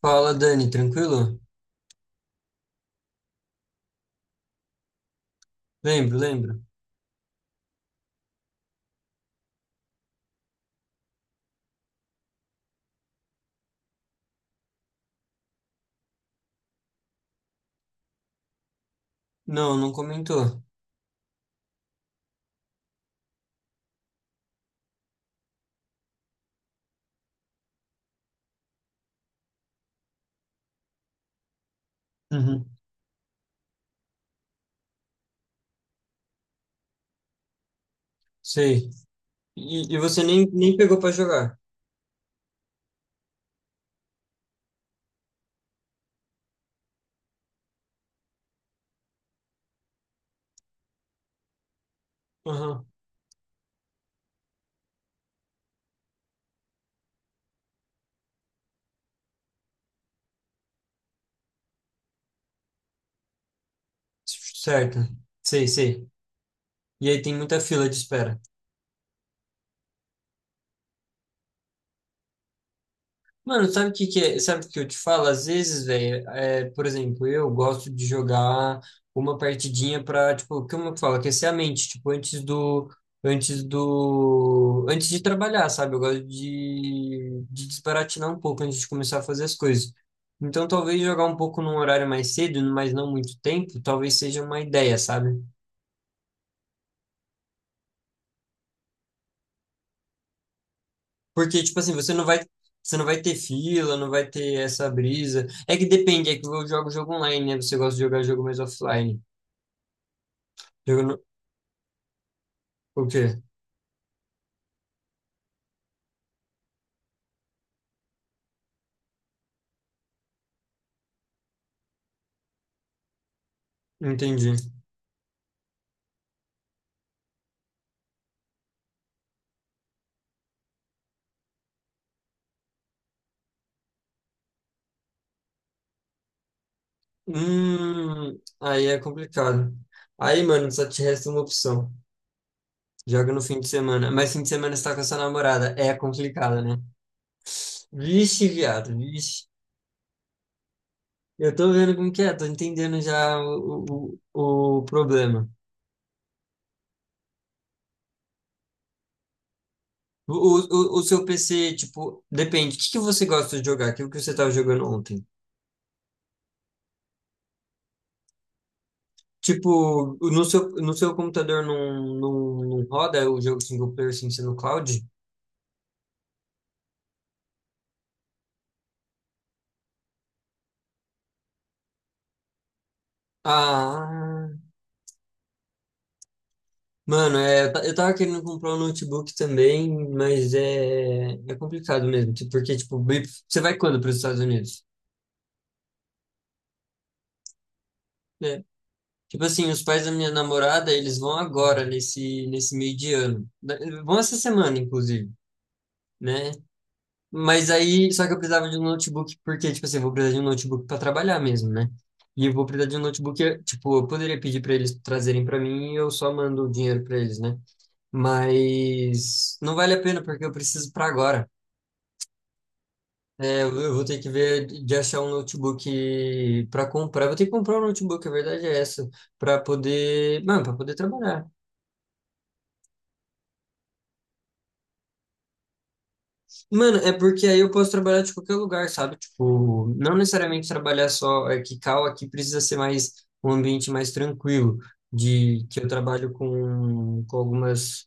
Fala, Dani, tranquilo? Lembro, lembro. Não, não comentou. Uhum. Sei. E você nem pegou pra jogar. Aham. Certo. Sei, sei. E aí tem muita fila de espera. Mano, sabe o que que é? Sabe o que eu te falo? Às vezes, velho, por exemplo, eu gosto de jogar uma partidinha pra, tipo, como eu falo, aquecer a mente, tipo, antes de trabalhar, sabe? Eu gosto de desbaratinar um pouco antes de começar a fazer as coisas. Então, talvez jogar um pouco num horário mais cedo, mas não muito tempo, talvez seja uma ideia, sabe? Porque, tipo assim, você não vai ter fila, não vai ter essa brisa. É que depende, é que eu jogo jogo online, né? Você gosta de jogar jogo mais offline. Jogo no- O quê? Entendi. Aí é complicado. Aí, mano, só te resta uma opção. Joga no fim de semana. Mas fim de semana você tá com a sua namorada. É complicado, né? Vixe, viado, vixe. Eu tô vendo como que é, tô entendendo já o problema. O seu PC, tipo, depende. O que que você gosta de jogar? Aquilo que você estava jogando ontem. Tipo, no seu computador não roda o jogo single player sem ser no cloud? Ah, mano, é, eu tava querendo comprar um notebook também, mas é complicado mesmo. Porque, tipo, você vai quando para os Estados Unidos? É. Tipo assim, os pais da minha namorada, eles vão agora, nesse meio de ano. Vão essa semana, inclusive, né? Mas aí, só que eu precisava de um notebook, porque, tipo assim, eu vou precisar de um notebook para trabalhar mesmo, né? E eu vou precisar de um notebook, tipo, eu poderia pedir para eles trazerem para mim e eu só mando o dinheiro para eles, né? Mas não vale a pena, porque eu preciso para agora. É, eu vou ter que ver de achar um notebook para comprar. Eu vou ter que comprar um notebook, a verdade é essa, para poder, mano, para poder trabalhar. Mano, é porque aí eu posso trabalhar de qualquer lugar, sabe? Tipo, não necessariamente trabalhar só aqui, aqui precisa ser mais um ambiente mais tranquilo, de que eu trabalho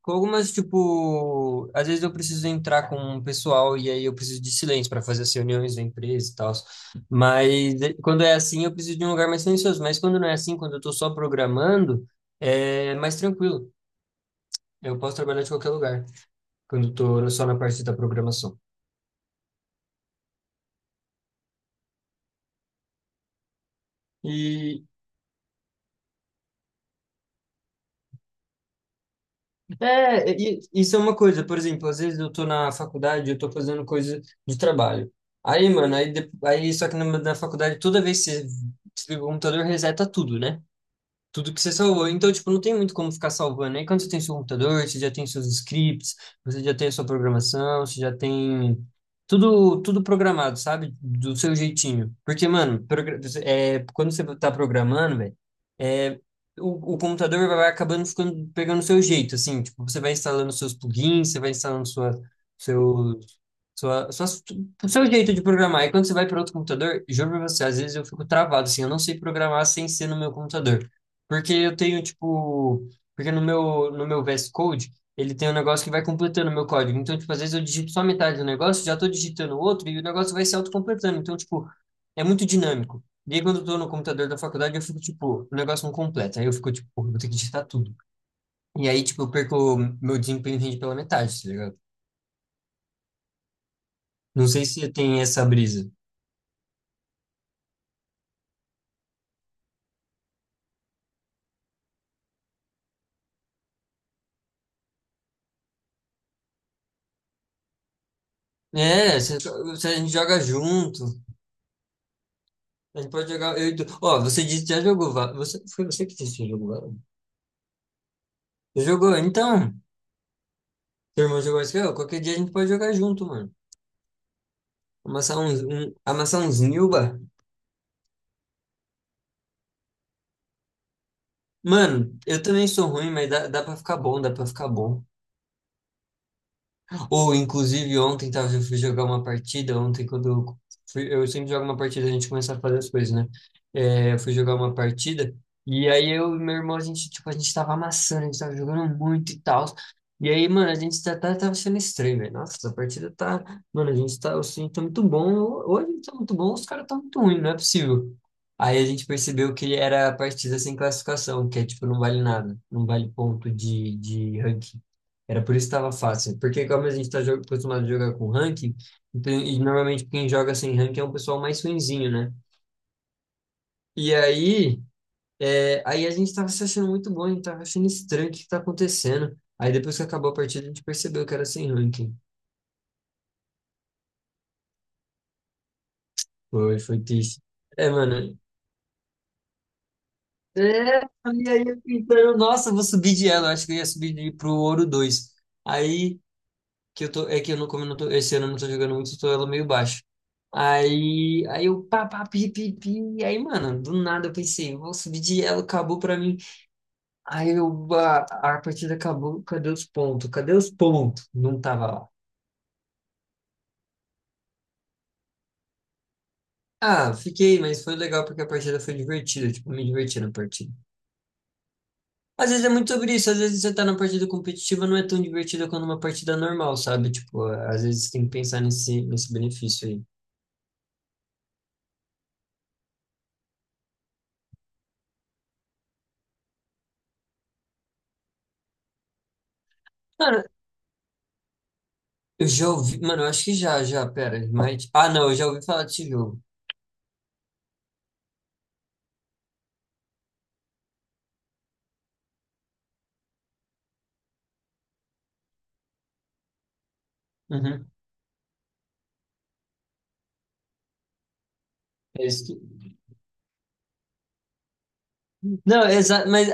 com algumas, tipo, às vezes eu preciso entrar com um pessoal e aí eu preciso de silêncio para fazer as reuniões da empresa e tal. Mas quando é assim, eu preciso de um lugar mais silencioso. Mas quando não é assim, quando eu tô só programando, é mais tranquilo. Eu posso trabalhar de qualquer lugar, quando eu tô só na parte da programação. E, É, isso é uma coisa, por exemplo, às vezes eu tô na faculdade, eu tô fazendo coisa de trabalho. Aí, mano, aí só que na faculdade, toda vez que você desliga o computador, reseta tudo, né? Tudo que você salvou. Então, tipo, não tem muito como ficar salvando. Aí quando você tem seu computador, você já tem seus scripts, você já tem a sua programação, você já tem tudo, tudo programado, sabe? Do seu jeitinho. Porque, mano, quando você tá programando, velho, é, o computador vai acabando ficando, pegando o seu jeito, assim. Tipo, você vai instalando seus plugins, você vai instalando seus sua, sua, o seu jeito de programar. E quando você vai para outro computador, juro pra você, às vezes eu fico travado, assim, eu não sei programar sem ser no meu computador. Porque eu tenho, tipo, porque no meu VS Code, ele tem um negócio que vai completando o meu código. Então, tipo, às vezes eu digito só metade do negócio, já tô digitando outro e o negócio vai se autocompletando. Então, tipo, é muito dinâmico. E aí, quando eu tô no computador da faculdade, eu fico, tipo, o negócio não completa. Aí eu fico, tipo, pô, eu vou ter que digitar tudo. E aí, tipo, eu perco, meu desempenho rende pela metade, tá ligado? Não sei se tem essa brisa. É, se a gente joga junto, a gente pode jogar. Ó, você disse que já jogou. Foi você que disse que jogou. Valorant? Você jogou? Então, teu irmão jogou isso aqui, ó. Qualquer dia a gente pode jogar junto, mano. Amassar amassar uns Nilba. Mano, eu também sou ruim, mas dá pra ficar bom, dá pra ficar bom. Ou, inclusive, ontem, tá, eu fui jogar uma partida, ontem quando eu fui, eu sempre jogo uma partida, a gente começa a fazer as coisas, né? É, eu fui jogar uma partida, e aí eu e meu irmão, a gente, tipo, a gente tava amassando, a gente tava jogando muito e tal. E aí, mano, a gente tá, tá, tava sendo estranho, velho. Nossa, essa partida tá. Mano, a gente tá, assim, tá muito bom. Ou a gente tá muito bom, ou os caras tá muito ruim, não é possível. Aí a gente percebeu que era a partida sem classificação, que é tipo, não vale nada, não vale ponto de ranking. Era por isso que estava fácil. Porque como a gente está acostumado a jogar com ranking, então, e normalmente quem joga sem ranking é um pessoal mais ruinzinho, né? E aí, aí a gente estava se achando muito bom, a gente estava achando estranho o que está acontecendo. Aí depois que acabou a partida, a gente percebeu que era sem ranking. Foi, foi triste. É, mano. É, e aí eu tentando, nossa, eu vou subir de elo. Acho que eu ia pro ouro dois. Aí que eu tô, é que eu não, como eu não tô, esse ano eu não tô jogando muito, eu tô elo meio baixo. Aí eu pá, pá, pi, pi, pi. Aí, mano, do nada eu pensei, vou subir de elo, acabou pra mim. Aí eu, a, a partida acabou, cadê os pontos? Cadê os pontos? Não tava lá. Ah, fiquei, mas foi legal porque a partida foi divertida, tipo, me diverti na partida. Às vezes é muito sobre isso, às vezes você tá na partida competitiva, não é tão divertida quanto uma partida normal, sabe? Tipo, às vezes tem que pensar nesse benefício aí. Mano, eu já ouvi, mano, eu acho que já, pera, mas... Ah, não, eu já ouvi falar desse jogo. Uhum. É isso que- Não, exato, mas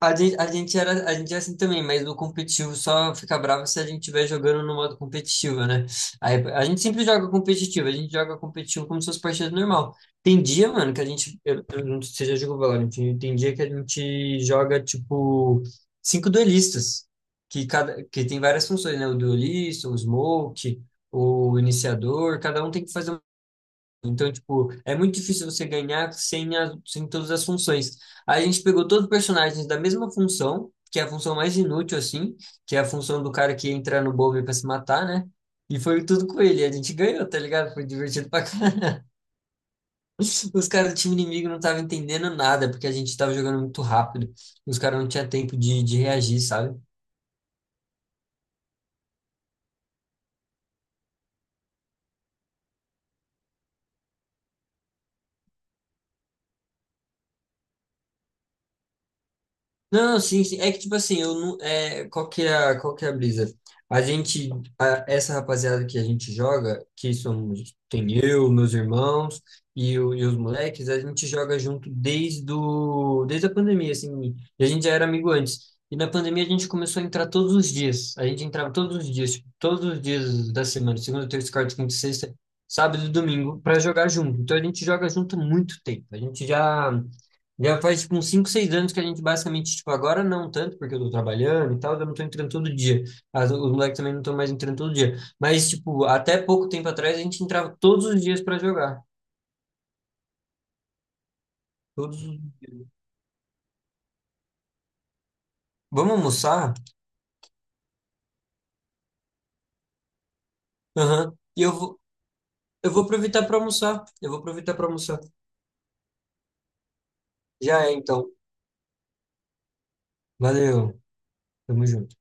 a gente é assim também, mas no competitivo só fica bravo se a gente estiver jogando no modo competitivo, né? Aí, a gente sempre joga competitivo, a gente joga competitivo como se fosse partida normal. Tem dia, mano, que a gente, eu não sei se você já jogou Valorant, tem dia que a gente joga, tipo, cinco duelistas, que tem várias funções, né? O duelista, o smoke, o iniciador, cada um tem que fazer. Então, tipo, é muito difícil você ganhar sem, sem todas as funções. A gente pegou todos os personagens da mesma função, que é a função mais inútil, assim, que é a função do cara que entra no bombe pra se matar, né? E foi tudo com ele. A gente ganhou, tá ligado? Foi divertido pra caralho. Os caras do time inimigo não estavam entendendo nada, porque a gente tava jogando muito rápido. Os caras não tinham tempo de reagir, sabe? Não, sim, sim. É que, tipo assim, eu não. É, qual que é a brisa? A gente, essa rapaziada que a gente joga, que somos, tem eu, meus irmãos e os moleques, a gente joga junto desde, o, desde a pandemia, assim. E a gente já era amigo antes. E na pandemia a gente começou a entrar todos os dias. A gente entrava todos os dias, tipo, todos os dias da semana, segunda, terça, quarta, quinta, sexta, sábado e domingo, pra jogar junto. Então a gente joga junto há muito tempo. A gente já. Já faz, tipo, uns 5 6 anos que a gente basicamente, tipo, agora não tanto, porque eu tô trabalhando e tal, eu não tô entrando todo dia. Os moleques também não estão mais entrando todo dia. Mas, tipo, até pouco tempo atrás a gente entrava todos os dias pra jogar. Todos... os- Vamos almoçar? Aham. Eu vou aproveitar pra almoçar. Eu vou aproveitar pra almoçar. Já é, então. Valeu. Tamo junto.